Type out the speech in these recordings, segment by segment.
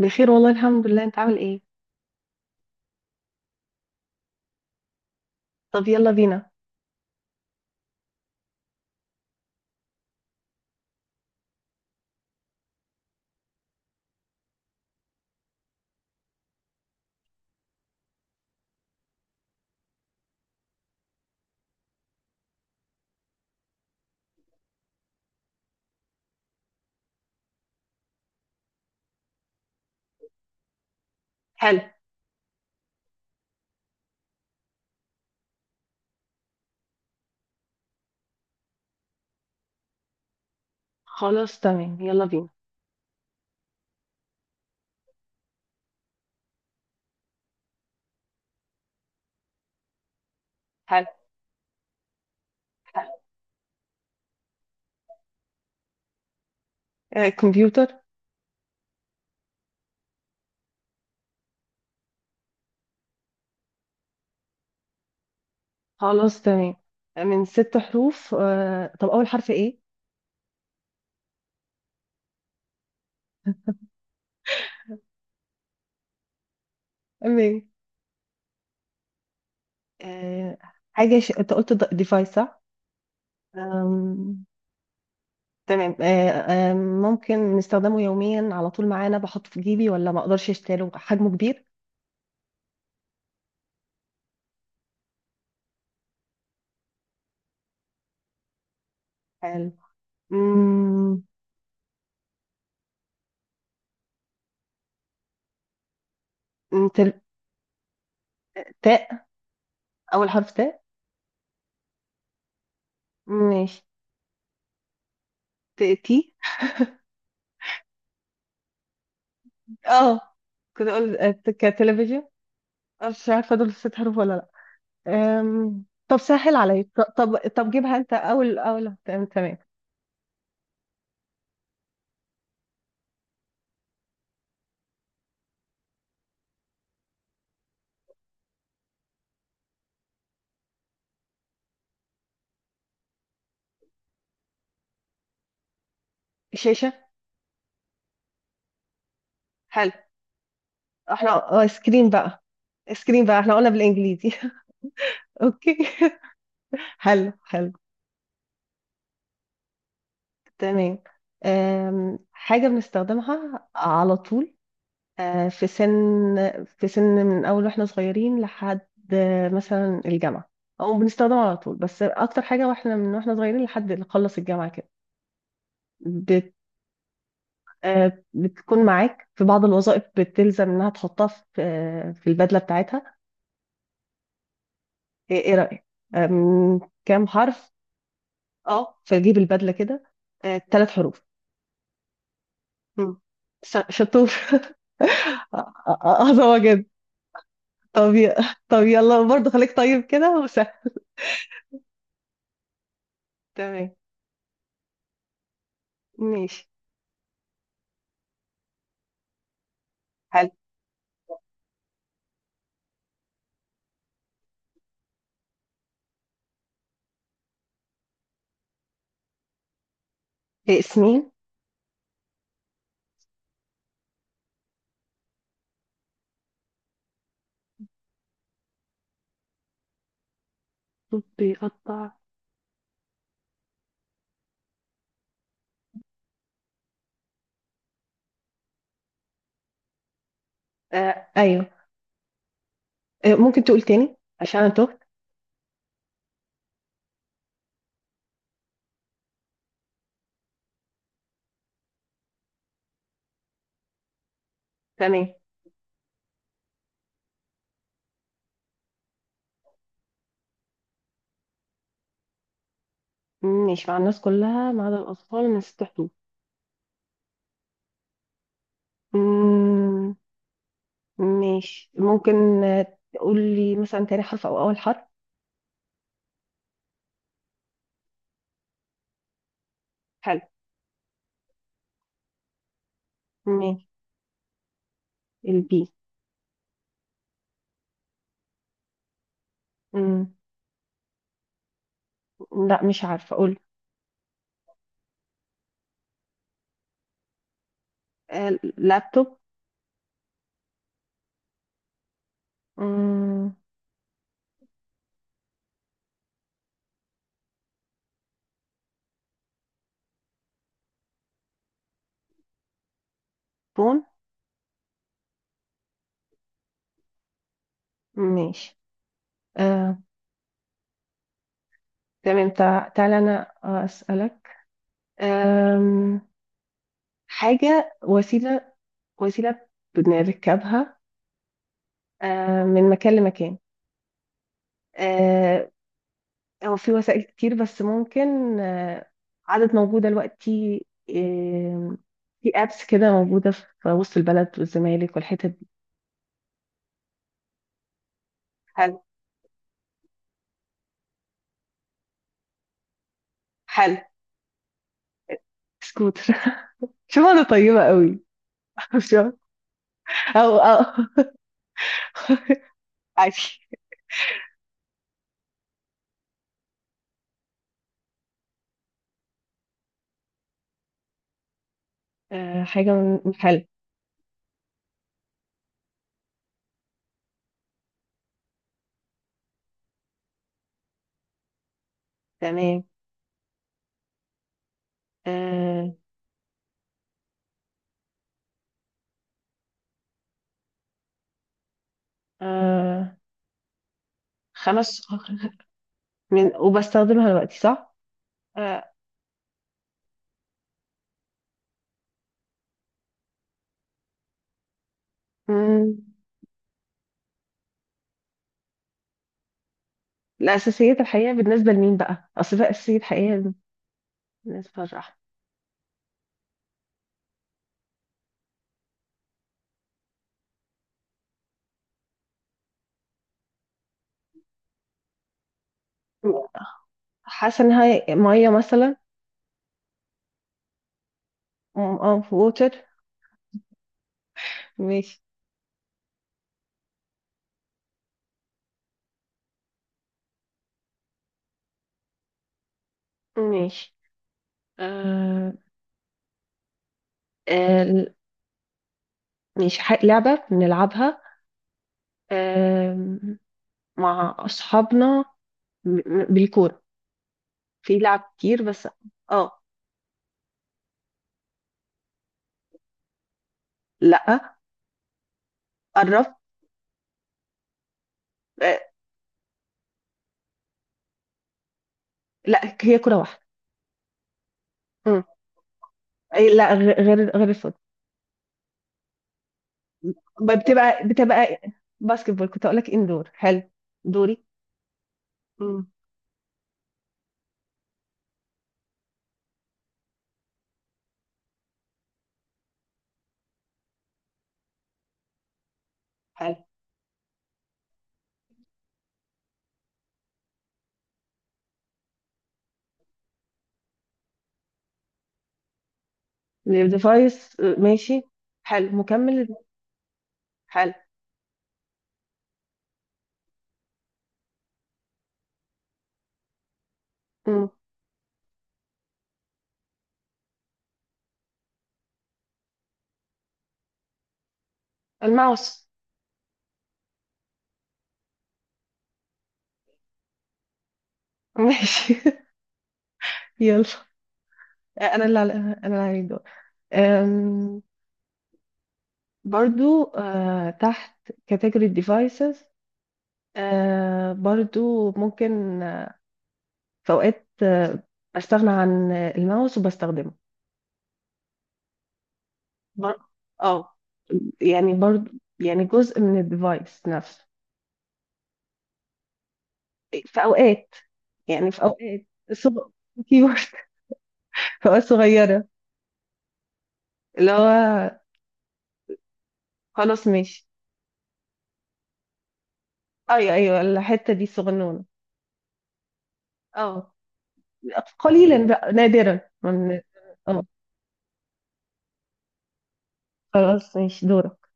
بخير والله الحمد لله، انت عامل ايه؟ طب يلا بينا. حلو. خلاص تمام، يلا بينا. حلو حلو. كمبيوتر. خلاص تمام. من 6 حروف. طب اول حرف ايه؟ تمام. آه حاجة انت قلت ديفايس صح؟ آم، تمام. ممكن نستخدمه يوميا على طول معانا، بحطه في جيبي ولا ما اقدرش اشتريه؟ حجمه كبير؟ حلو. مم. تل- تاء. اول حرف تاء. ماشي. تي. اه، كنت اقول كتلفزيون. أنا مش عارفة دول 6 حروف ولا لأ؟ طب سهل عليا، طب جيبها انت اول اول. تمام تمام. شاشة. حلو. احنا ايس كريم بقى. ايس كريم بقى، احنا قلنا بالانجليزي. اوكي حلو حلو. تمام. حاجة بنستخدمها على طول. في سن. في سن من اول واحنا صغيرين لحد مثلا الجامعة. او بنستخدمها على طول، بس اكتر حاجة واحنا من واحنا صغيرين لحد نخلص الجامعة كده. بتكون معاك في بعض الوظائف، بتلزم انها تحطها في البدله بتاعتها. إيه رايك؟ من كام حرف؟ اه، فجيب البدله كده. 3 حروف. مم. شطور آه، آه، هو جدا. طب ي- طب يلا، برضه خليك طيب كده وسهل. تمام. ماشي. حلو. إيه، سنين؟ بيقطع. آه ايوه. ممكن تقول تاني عشان انا تهت؟ تمام. ماشي، مع الناس كلها ما عدا الاطفال، من ست. حدود. ماشي، ممكن تقول لي مثلا تاني حرف او اول حرف؟ حلو. ماشي. البي. مم. لا، مش عارفه اقول. لابتوب. مم. فون. ماشي. آه. تمام. تعالى انا اسالك. آم، حاجه، وسيله. وسيله. بنركبها من مكان لمكان. آه، هو في وسائل كتير بس ممكن عدد موجودة دلوقتي. آم، في ابس كده موجودة في وسط البلد والزمالك والحتت دي. حلو حلو. سكوتر. شوف انا طيبة قوي. شوف. او. عادي. حاجة من. حلو. تمام. آه، آه، خمس. من وبستخدمها دلوقتي صح؟ آه، مم. الأساسيات الحقيقة بالنسبة لمين بقى؟ أصل في أساسية حقيقية. بالنسبة للراحة. حاسه انها ميه مثلا. اه، ووتر. ماشي. ماشي. آه آه ماشي. لعبة بنلعبها آه مع أصحابنا. بالكورة. في لعب كتير بس. اه. لأ. قرب. آه. لأ، هي كورة واحدة. مم. أي لأ، غير الفوت. بتبقى. باسكت بول، كنت أقولك. اندور. حلو. دوري. مم. حلو. الديفايس ماشي. حلو، مكمل. حلو. مم. الماوس. ماشي. يلا. انا اللي عليك دور. أم، برضو تحت كاتيجوري ديفايسز. برضو ممكن في اوقات بستغنى عن الماوس وبستخدمه. بر... اه، يعني برضو. يعني جزء من الديفايس نفسه. في اوقات. يعني في اوقات صغ... كيبورد. في اوقات صغيره اللي هو. خلاص، ماشي. ايوه ايوه، الحته دي صغنونه. اه. قليلا بقى نادرا اه. خلاص، ماشي. دورك.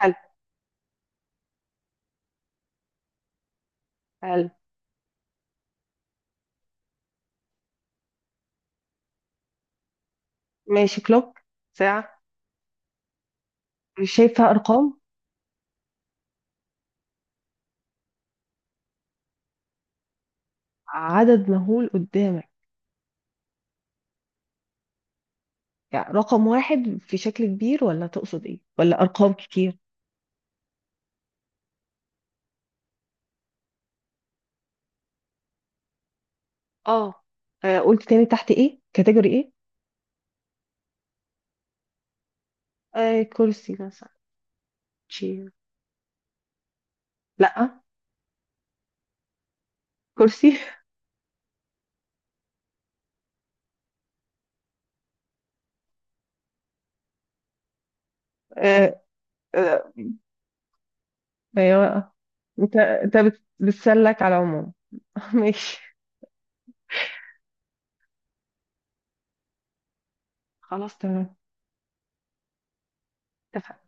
حلو حلو. ماشي. كلوك. ساعة. مش شايفة أرقام. عدد مهول قدامك؟ يعني رقم واحد في شكل كبير ولا تقصد ايه، ولا أرقام كتير؟ اه. قلت تاني تحت ايه كاتيجوري ايه؟ كرسي مثلا. شير. لا. كرسي. آه آه، ايوه. انت بتسلك على العموم. ماشي. خلاص تمام، اتفقنا.